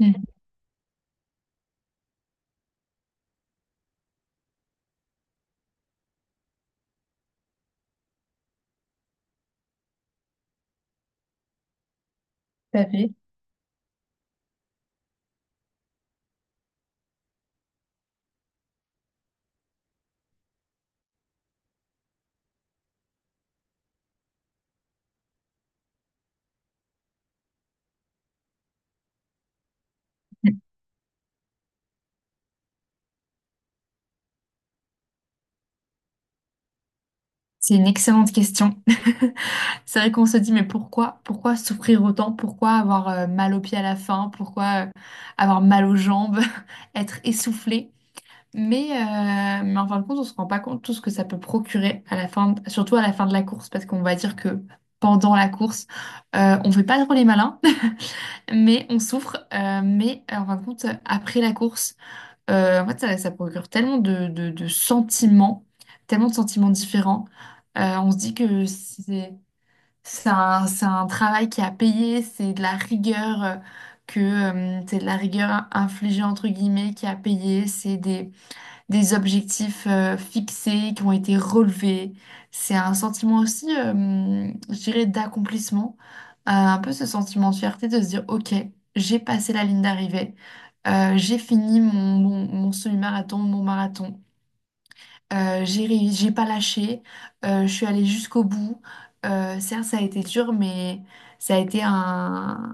Mm. Tout à fait. C'est une excellente question. C'est vrai qu'on se dit, mais pourquoi, pourquoi souffrir autant? Pourquoi avoir mal aux pieds à la fin? Pourquoi avoir mal aux jambes? Être essoufflé? Mais en fin de compte, on se rend pas compte tout ce que ça peut procurer à la fin, surtout à la fin de la course, parce qu'on va dire que pendant la course, on fait pas trop les malins, mais on souffre. En fin de compte, après la course, ça procure tellement de sentiments, tellement de sentiments différents. On se dit que c'est un travail qui a payé, c'est de la rigueur que c'est de la rigueur infligée entre guillemets qui a payé, c'est des objectifs fixés qui ont été relevés. C'est un sentiment aussi, je dirais, d'accomplissement, un peu ce sentiment de fierté de se dire, OK, j'ai passé la ligne d'arrivée. J'ai fini mon semi-marathon, mon marathon. J'ai réussi, j'ai pas lâché, je suis allée jusqu'au bout. Certes, ça a été dur, mais ça a été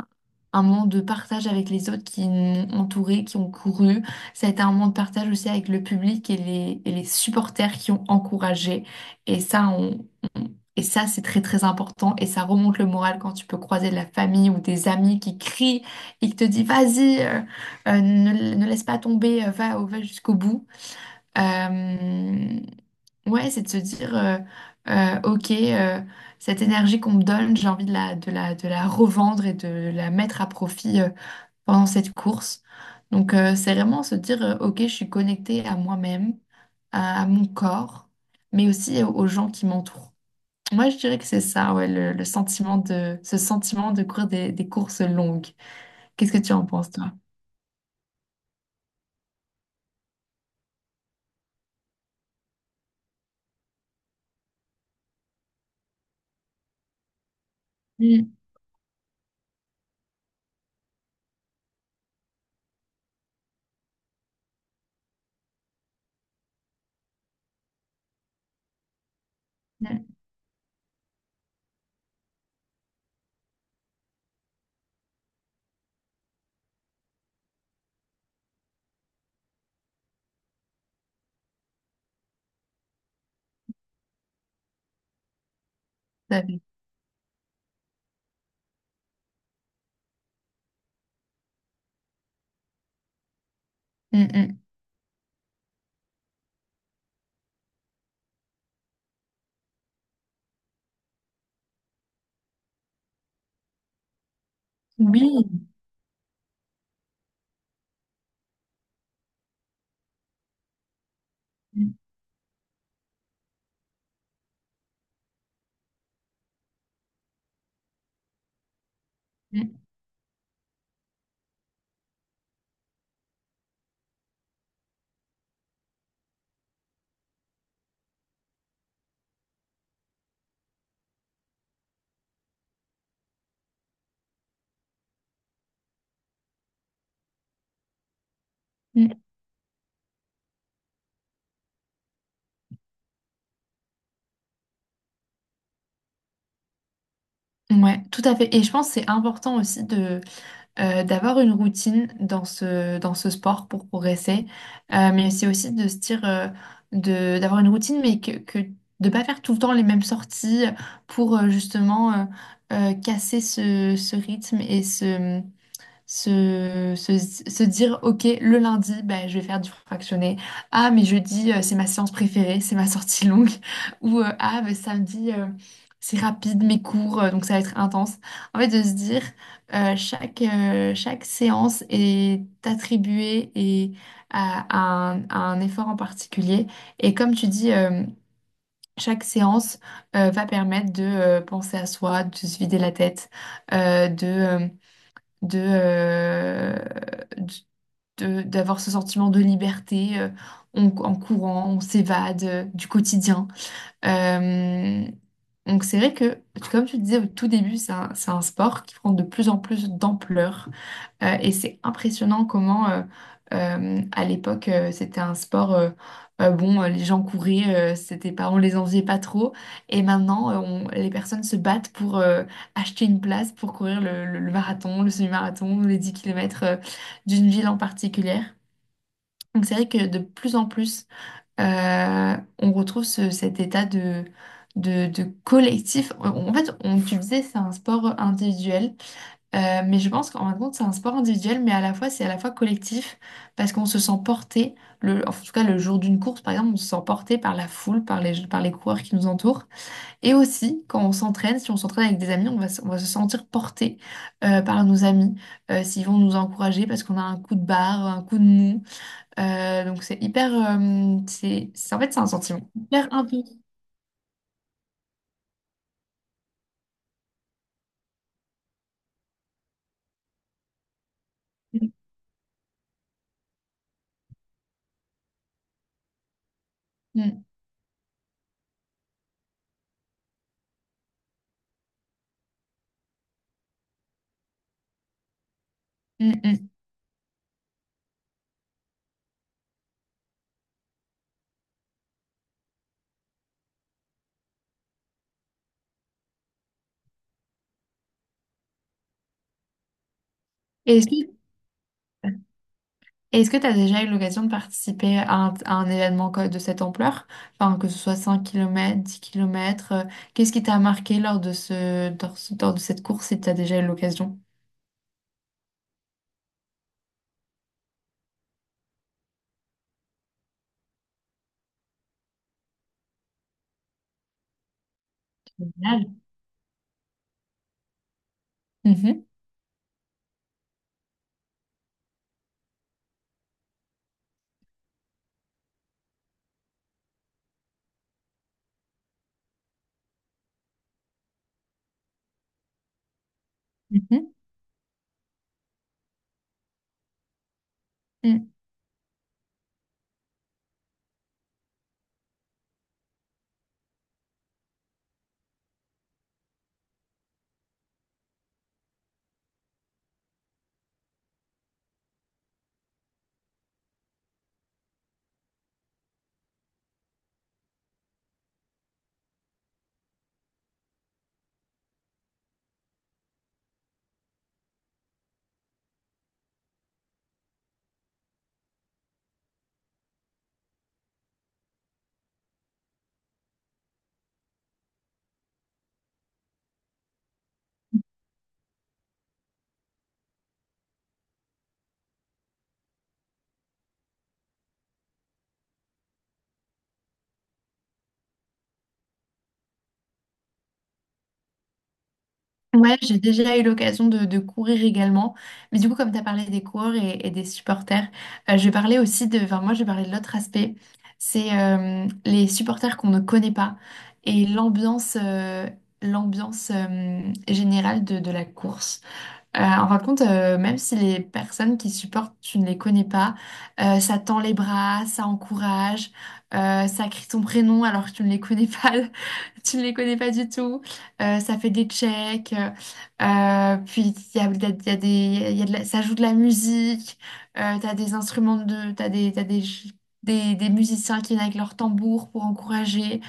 un moment de partage avec les autres qui m'ont entourée, qui ont couru. Ça a été un moment de partage aussi avec le public et et les supporters qui ont encouragé. Et ça, on, on- et ça, c'est très très important, et ça remonte le moral quand tu peux croiser de la famille ou des amis qui crient et qui te disent, vas-y, ne laisse pas tomber, va jusqu'au bout. Euh, Ouais, c'est de se dire, ok, cette énergie qu'on me donne, j'ai envie de de la revendre et de la mettre à profit pendant cette course. Donc, c'est vraiment se dire, ok, je suis connectée à moi-même, à mon corps, mais aussi aux gens qui m'entourent. Moi, je dirais que c'est ça, ouais, le sentiment de, ce sentiment de courir des courses longues. Qu'est-ce que tu en penses, toi? Mm, mm, tout à fait. Mm, mm. Oui. Mm, mm, mm. Ouais, tout à fait. Et je pense que c'est important aussi de d'avoir une routine dans dans ce sport pour progresser. Mais c'est aussi de se dire d'avoir une routine, mais que de pas faire tout le temps les mêmes sorties pour justement casser ce rythme et se, se, se dire, OK, le lundi, ben, je vais faire du fractionné. Ah, mais jeudi, c'est ma séance préférée, c'est ma sortie longue. Ou ah, ben, samedi, c'est rapide, mes cours, donc ça va être intense. En fait, de se dire, chaque, chaque séance est attribuée et à, à à un effort en particulier. Et comme tu dis, chaque séance va permettre de penser à soi, de se vider la tête, euh, de, euh, de, euh, d- d'avoir ce sentiment de liberté. En courant, on s'évade du quotidien. Euh, donc c'est vrai que, comme tu disais au tout début, c'est un sport qui prend de plus en plus d'ampleur. Et c'est impressionnant comment, à l'époque, c'était un sport, les gens couraient, c'était pas, on les enviait pas trop. Et maintenant, les personnes se battent pour acheter une place pour courir le marathon, le semi-marathon, les 10 kilomètres d'une ville en particulier. Donc c'est vrai que de plus en plus on retrouve cet état de collectif. Tu disais, c'est un sport individuel, mais je pense qu'en fin de compte, c'est un sport individuel, mais à la fois, c'est à la fois collectif, parce qu'on se sent porté, en tout cas le jour d'une course, par exemple, on se sent porté par la foule, par par les coureurs qui nous entourent. Et aussi, quand on s'entraîne, si on s'entraîne avec des amis, on va, on va se sentir porté par nos amis, s'ils vont nous encourager parce qu'on a un coup de barre, un coup de mou. Donc c'est hyper, c'est- en fait c'est un sentiment hyper intense. Mm, mm, mm. Mm. Et Est-ce que, est-ce que tu as déjà eu l'occasion de participer à un de cette ampleur? Enfin, que ce soit 5 kilomètres, 10 kilomètres, qu'est-ce qui t'a marqué lors de lors de cette course, si tu as déjà eu l'occasion? Génial. Mhm, mhm. Ouais, j'ai déjà eu l'occasion de courir également. Mais du coup, comme tu as parlé des coureurs et des supporters, je vais parler aussi de... Enfin, moi, je vais parler de l'autre aspect. C'est les supporters qu'on ne connaît pas et l'ambiance l'ambiance euh, générale de la course. En fin de compte, même si les personnes qui supportent, tu ne les connais pas, ça tend les bras, ça encourage, ça crie ton prénom alors que tu ne les connais pas, tu ne les connais pas du tout, ça fait des checks, puis il y a, il y a- il y a des, il y a de la-, ça joue de la musique, t'as des instruments de, t'as des musiciens qui viennent avec leur tambour pour encourager.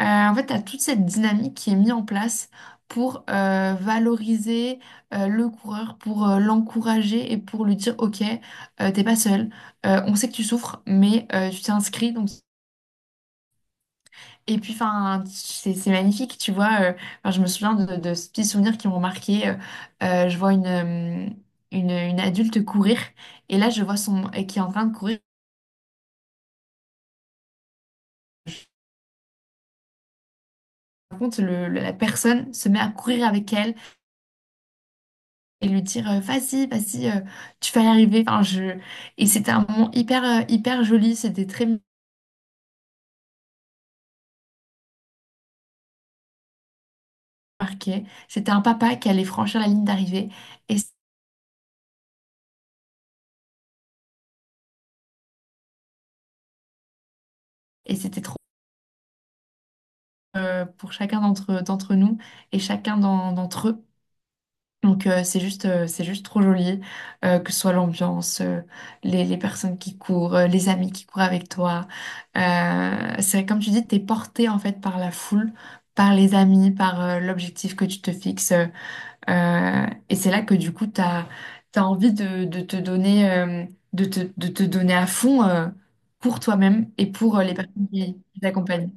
En fait, tu as toute cette dynamique qui est mise en place pour valoriser le coureur, pour l'encourager et pour lui dire, OK, t'es pas seul. On sait que tu souffres, mais tu t'es inscrit. Donc... Et puis, enfin, c'est magnifique, tu vois. 'Fin, je me souviens de ces petits souvenirs qui m'ont marqué. Je vois une adulte courir, et là, je vois son... qui est en train de courir. Par contre, la personne se met à courir avec elle, et lui dire vas-y, vas-y, tu vas y arriver. Enfin, je... Et c'était un moment hyper, hyper joli, c'était très marqué. C'était un papa qui allait franchir la ligne d'arrivée, et, et c'était trop pour chacun d'entre nous et chacun d'entre eux. Donc c'est juste trop joli, que ce soit l'ambiance, les personnes qui courent, les amis qui courent avec toi. C'est vrai, comme tu dis, t'es porté en fait par la foule, par les amis, par l'objectif que tu te fixes. Et c'est là que du coup, tu as envie de te donner, de te donner à fond, pour toi-même et pour les personnes qui t'accompagnent.